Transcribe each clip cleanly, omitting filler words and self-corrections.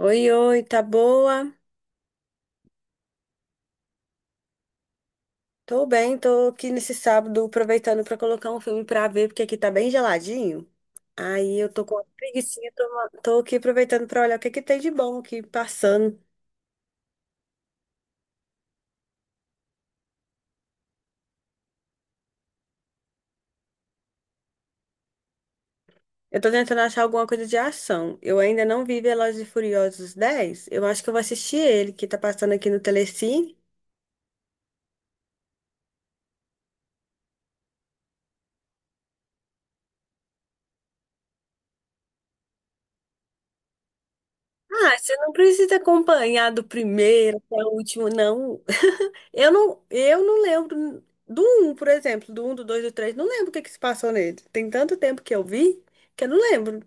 Oi, oi, tá boa? Tô bem, tô aqui nesse sábado aproveitando pra colocar um filme pra ver, porque aqui tá bem geladinho. Aí eu tô com uma preguicinha, tô aqui aproveitando pra olhar o que que tem de bom aqui passando. Eu tô tentando achar alguma coisa de ação. Eu ainda não vi Velozes e Furiosos 10. Eu acho que eu vou assistir ele, que tá passando aqui no Telecine. Ah, você não precisa acompanhar do primeiro até o último, não. Eu não lembro do um, por exemplo, do um, do 2, do 3. Não lembro o que que se passou nele. Tem tanto tempo que eu vi que eu não lembro.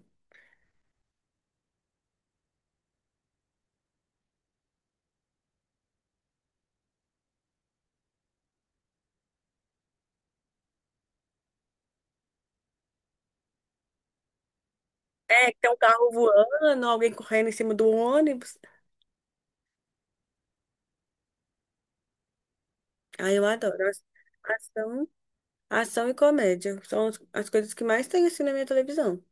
É, que tem um carro voando, alguém correndo em cima do ônibus. Aí eu adoro. Ação, ação e comédia são as coisas que mais tem assim na minha televisão.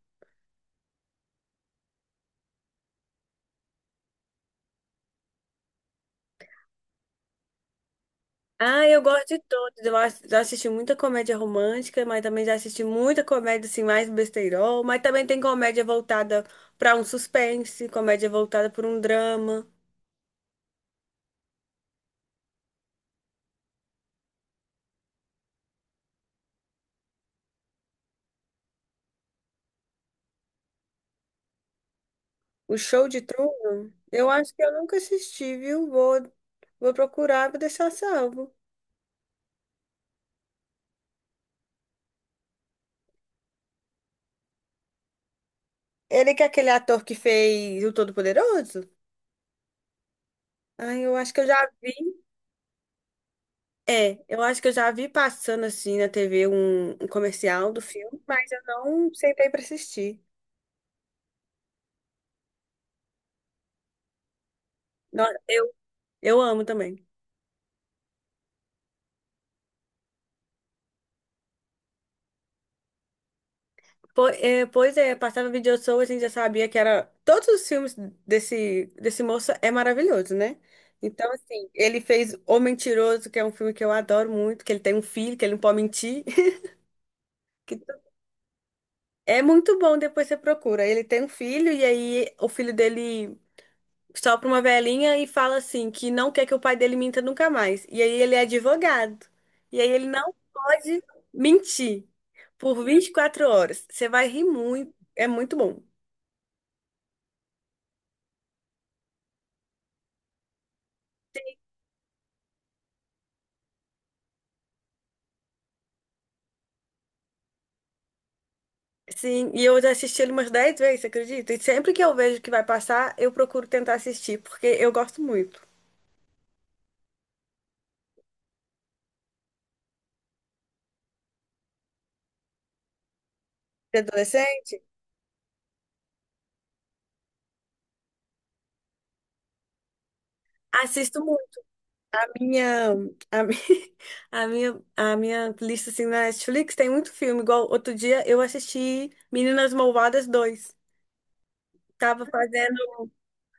Ah, eu gosto de todos. Já assisti muita comédia romântica, mas também já assisti muita comédia assim mais besteirol, mas também tem comédia voltada para um suspense, comédia voltada para um drama. O Show de Truman? Eu acho que eu nunca assisti, viu? Vou procurar, vou deixar salvo. Ele que é aquele ator que fez O Todo-Poderoso? Ai, eu acho que eu já vi. É, eu acho que eu já vi passando assim na TV um comercial do filme, mas eu não sentei pra assistir. No- Eu, eu amo também. Pois é, passava Vídeo Show, a gente já sabia que era. Todos os filmes desse moço é maravilhoso, né? Então, assim, ele fez O Mentiroso, que é um filme que eu adoro muito, que ele tem um filho, que ele não pode mentir. Que é muito bom, depois você procura. Ele tem um filho, e aí o filho dele sopra uma velhinha e fala assim, que não quer que o pai dele minta nunca mais. E aí ele é advogado. E aí ele não pode mentir por 24 horas. Você vai rir muito, é muito bom. Sim, e eu já assisti ele umas 10 vezes, você acredita? E sempre que eu vejo que vai passar, eu procuro tentar assistir, porque eu gosto muito. De adolescente? Assisto muito. A minha, a mi- A minha lista assim, na Netflix tem muito filme. Igual outro dia eu assisti Meninas Malvadas dois. Tava fazendo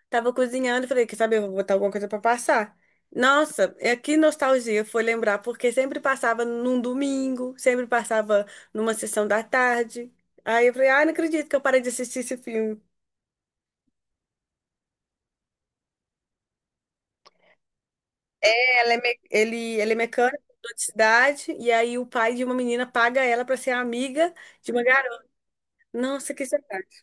Tava cozinhando, falei, quer saber, eu vou botar alguma coisa pra passar. Nossa, é que nostalgia foi lembrar, porque sempre passava num domingo, sempre passava numa sessão da tarde. Aí eu falei, ah, não acredito que eu parei de assistir esse filme. Ele, ele é mecânico, mudou de cidade, e aí o pai de uma menina paga ela pra ser amiga de uma garota. Nossa, que sacanagem.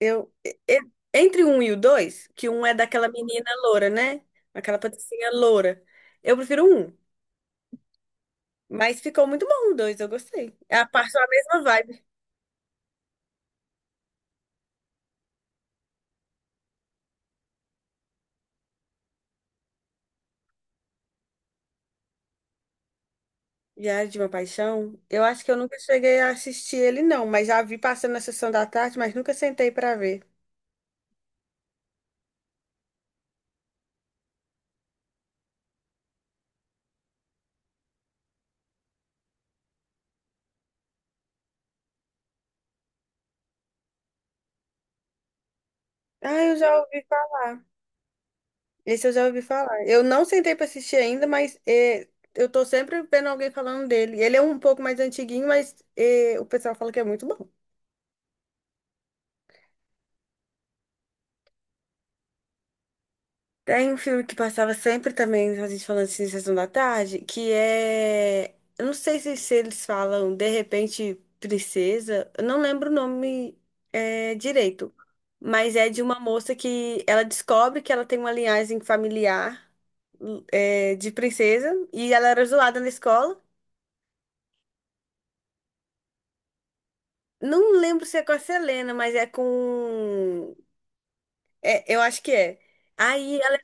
Eu, e- e- Entre um e o dois, que um é daquela menina loura, né? Aquela patricinha loura. Eu prefiro um. Mas ficou muito bom o dois, eu gostei. É a parte da mesma vibe. Diário de uma Paixão, eu acho que eu nunca cheguei a assistir ele, não, mas já vi passando na sessão da tarde, mas nunca sentei pra ver. Ah, eu já ouvi falar. Esse eu já ouvi falar. Eu não sentei pra assistir ainda, mas é, eu tô sempre vendo alguém falando dele. Ele é um pouco mais antiguinho, mas é, o pessoal fala que é muito bom. Tem um filme que passava sempre também, a gente falando assim, Sessão da Tarde, que é. Eu não sei se eles falam De Repente Princesa, eu não lembro o nome direito, mas é de uma moça que ela descobre que ela tem uma linhagem familiar, de princesa e ela era zoada na escola. Não lembro se é com a Selena, mas é com. É, eu acho que é. Aí ela é.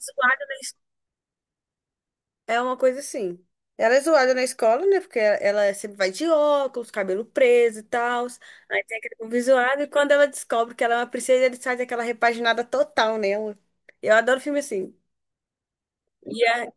É uma coisa assim. Ela é zoada na escola, né? Porque ela Ela sempre vai de óculos, cabelo preso e tal. Aí tem aquele povo zoado. E quando ela descobre que ela é uma princesa, ele sai daquela repaginada total nela. Eu adoro filme assim. E a-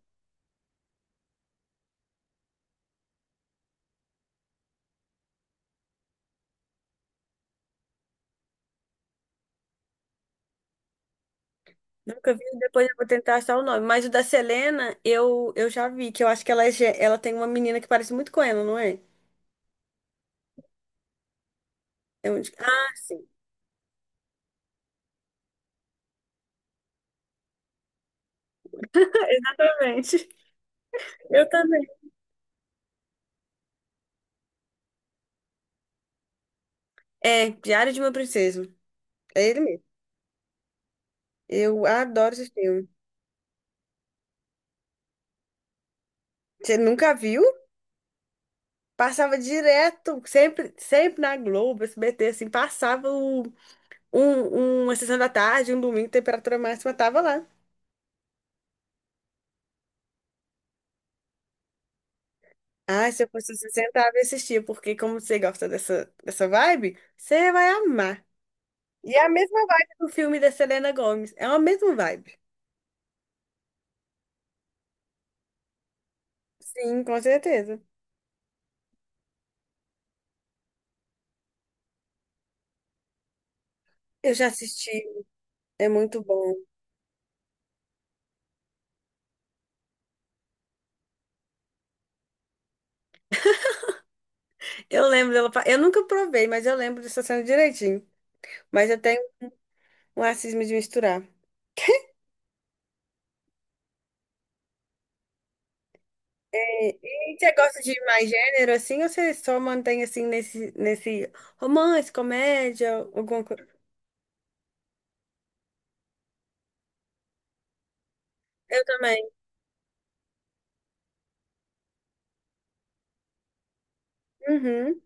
Nunca vi, depois eu vou tentar achar o nome. Mas o da Selena, eu já vi, que eu acho que ela, ela tem uma menina que parece muito com ela, não é? Ah, sim. Exatamente. Eu também. É, Diário de uma Princesa. É ele mesmo. Eu adoro esse filme. Você nunca viu? Passava direto, sempre, sempre na Globo, SBT, assim, passava o, um, uma sessão da tarde, um domingo, temperatura máxima, tava lá. Ah, se eu fosse, você sentava e assistia, porque como você gosta dessa vibe, você vai amar. E é a mesma vibe do filme da Selena Gomez, é a mesma vibe. Sim, com certeza. Eu já assisti, é muito bom. Eu lembro dela, eu nunca provei, mas eu lembro dessa cena direitinho. Mas eu tenho um racismo de misturar. E você gosta de mais gênero assim ou você só mantém assim nesse romance, comédia, alguma coisa? Eu também. Uhum.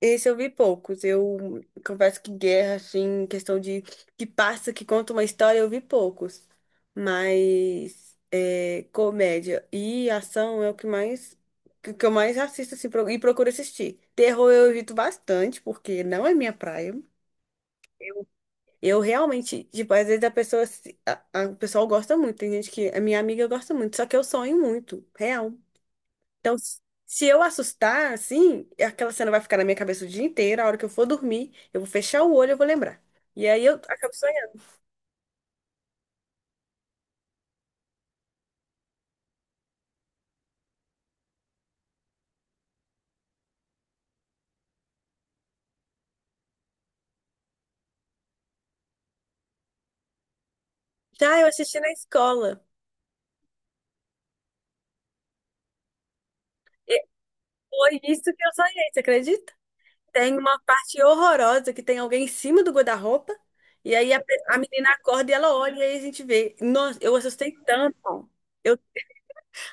Esse eu vi poucos. Eu confesso que guerra, assim, questão de que passa, que conta uma história, eu vi poucos. Mas é, comédia e ação é o que mais que eu mais assisto assim, e procuro assistir. Terror eu evito bastante, porque não é minha praia. Eu realmente, tipo, às vezes a pessoa, o pessoal gosta muito, tem gente que, a minha amiga gosta muito, só que eu sonho muito, real. Então, se eu assustar, assim, aquela cena vai ficar na minha cabeça o dia inteiro, a hora que eu for dormir, eu vou fechar o olho, eu vou lembrar. E aí eu acabo sonhando. Já eu assisti na escola. Foi isso que eu sonhei, você acredita? Tem uma parte horrorosa que tem alguém em cima do guarda-roupa, e aí a menina acorda e ela olha, e aí a gente vê. Nossa, eu assustei tanto.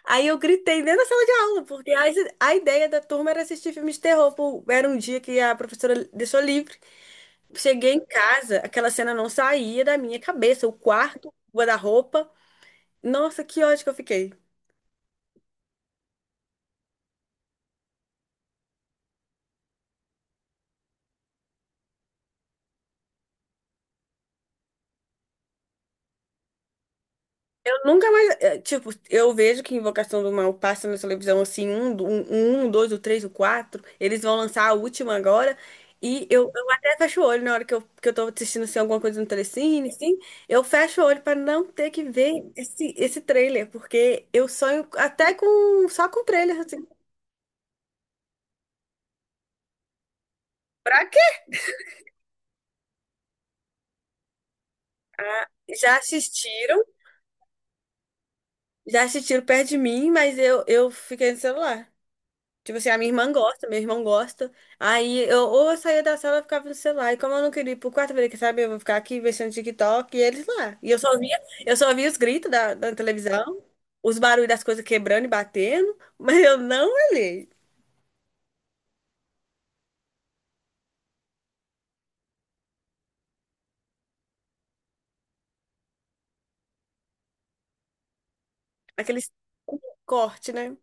Aí eu gritei dentro da sala de aula, porque a ideia da turma era assistir filmes de terror. Pô. Era um dia que a professora deixou livre. Cheguei em casa, aquela cena não saía da minha cabeça, o quarto, o guarda-roupa. Nossa, que ódio que eu fiquei. Eu nunca mais. Tipo, eu vejo que Invocação do Mal passa na televisão assim, um, dois, o três, o quatro. Eles vão lançar a última agora. Eu até fecho o olho na hora que eu tô assistindo assim, alguma coisa no Telecine, assim. Eu fecho o olho para não ter que ver esse trailer, porque eu sonho até com só com trailer, assim. Pra quê? Ah, já assistiram, já assistiram perto de mim, mas eu fiquei no celular. Tipo assim, a minha irmã gosta, meu irmão gosta. Aí eu saía da sala e ficava no celular. E como eu não queria ir pro quarto, eu falei, quer saber? Eu vou ficar aqui mexendo TikTok e eles lá. Eu só via os gritos da televisão, os barulhos das coisas quebrando e batendo, mas eu não olhei. Aquele corte, né?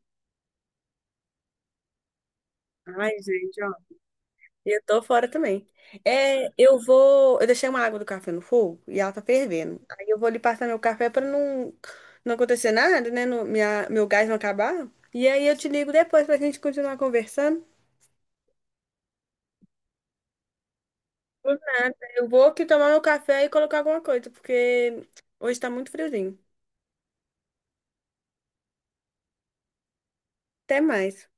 Ai, gente, e eu tô fora também. É, eu vou. Eu deixei uma água do café no fogo e ela tá fervendo. Aí eu vou ali passar meu café pra não, não acontecer nada, né? Meu gás não acabar. E aí eu te ligo depois pra gente continuar conversando. Por nada. Eu vou aqui tomar meu café e colocar alguma coisa, porque hoje tá muito friozinho. Até mais.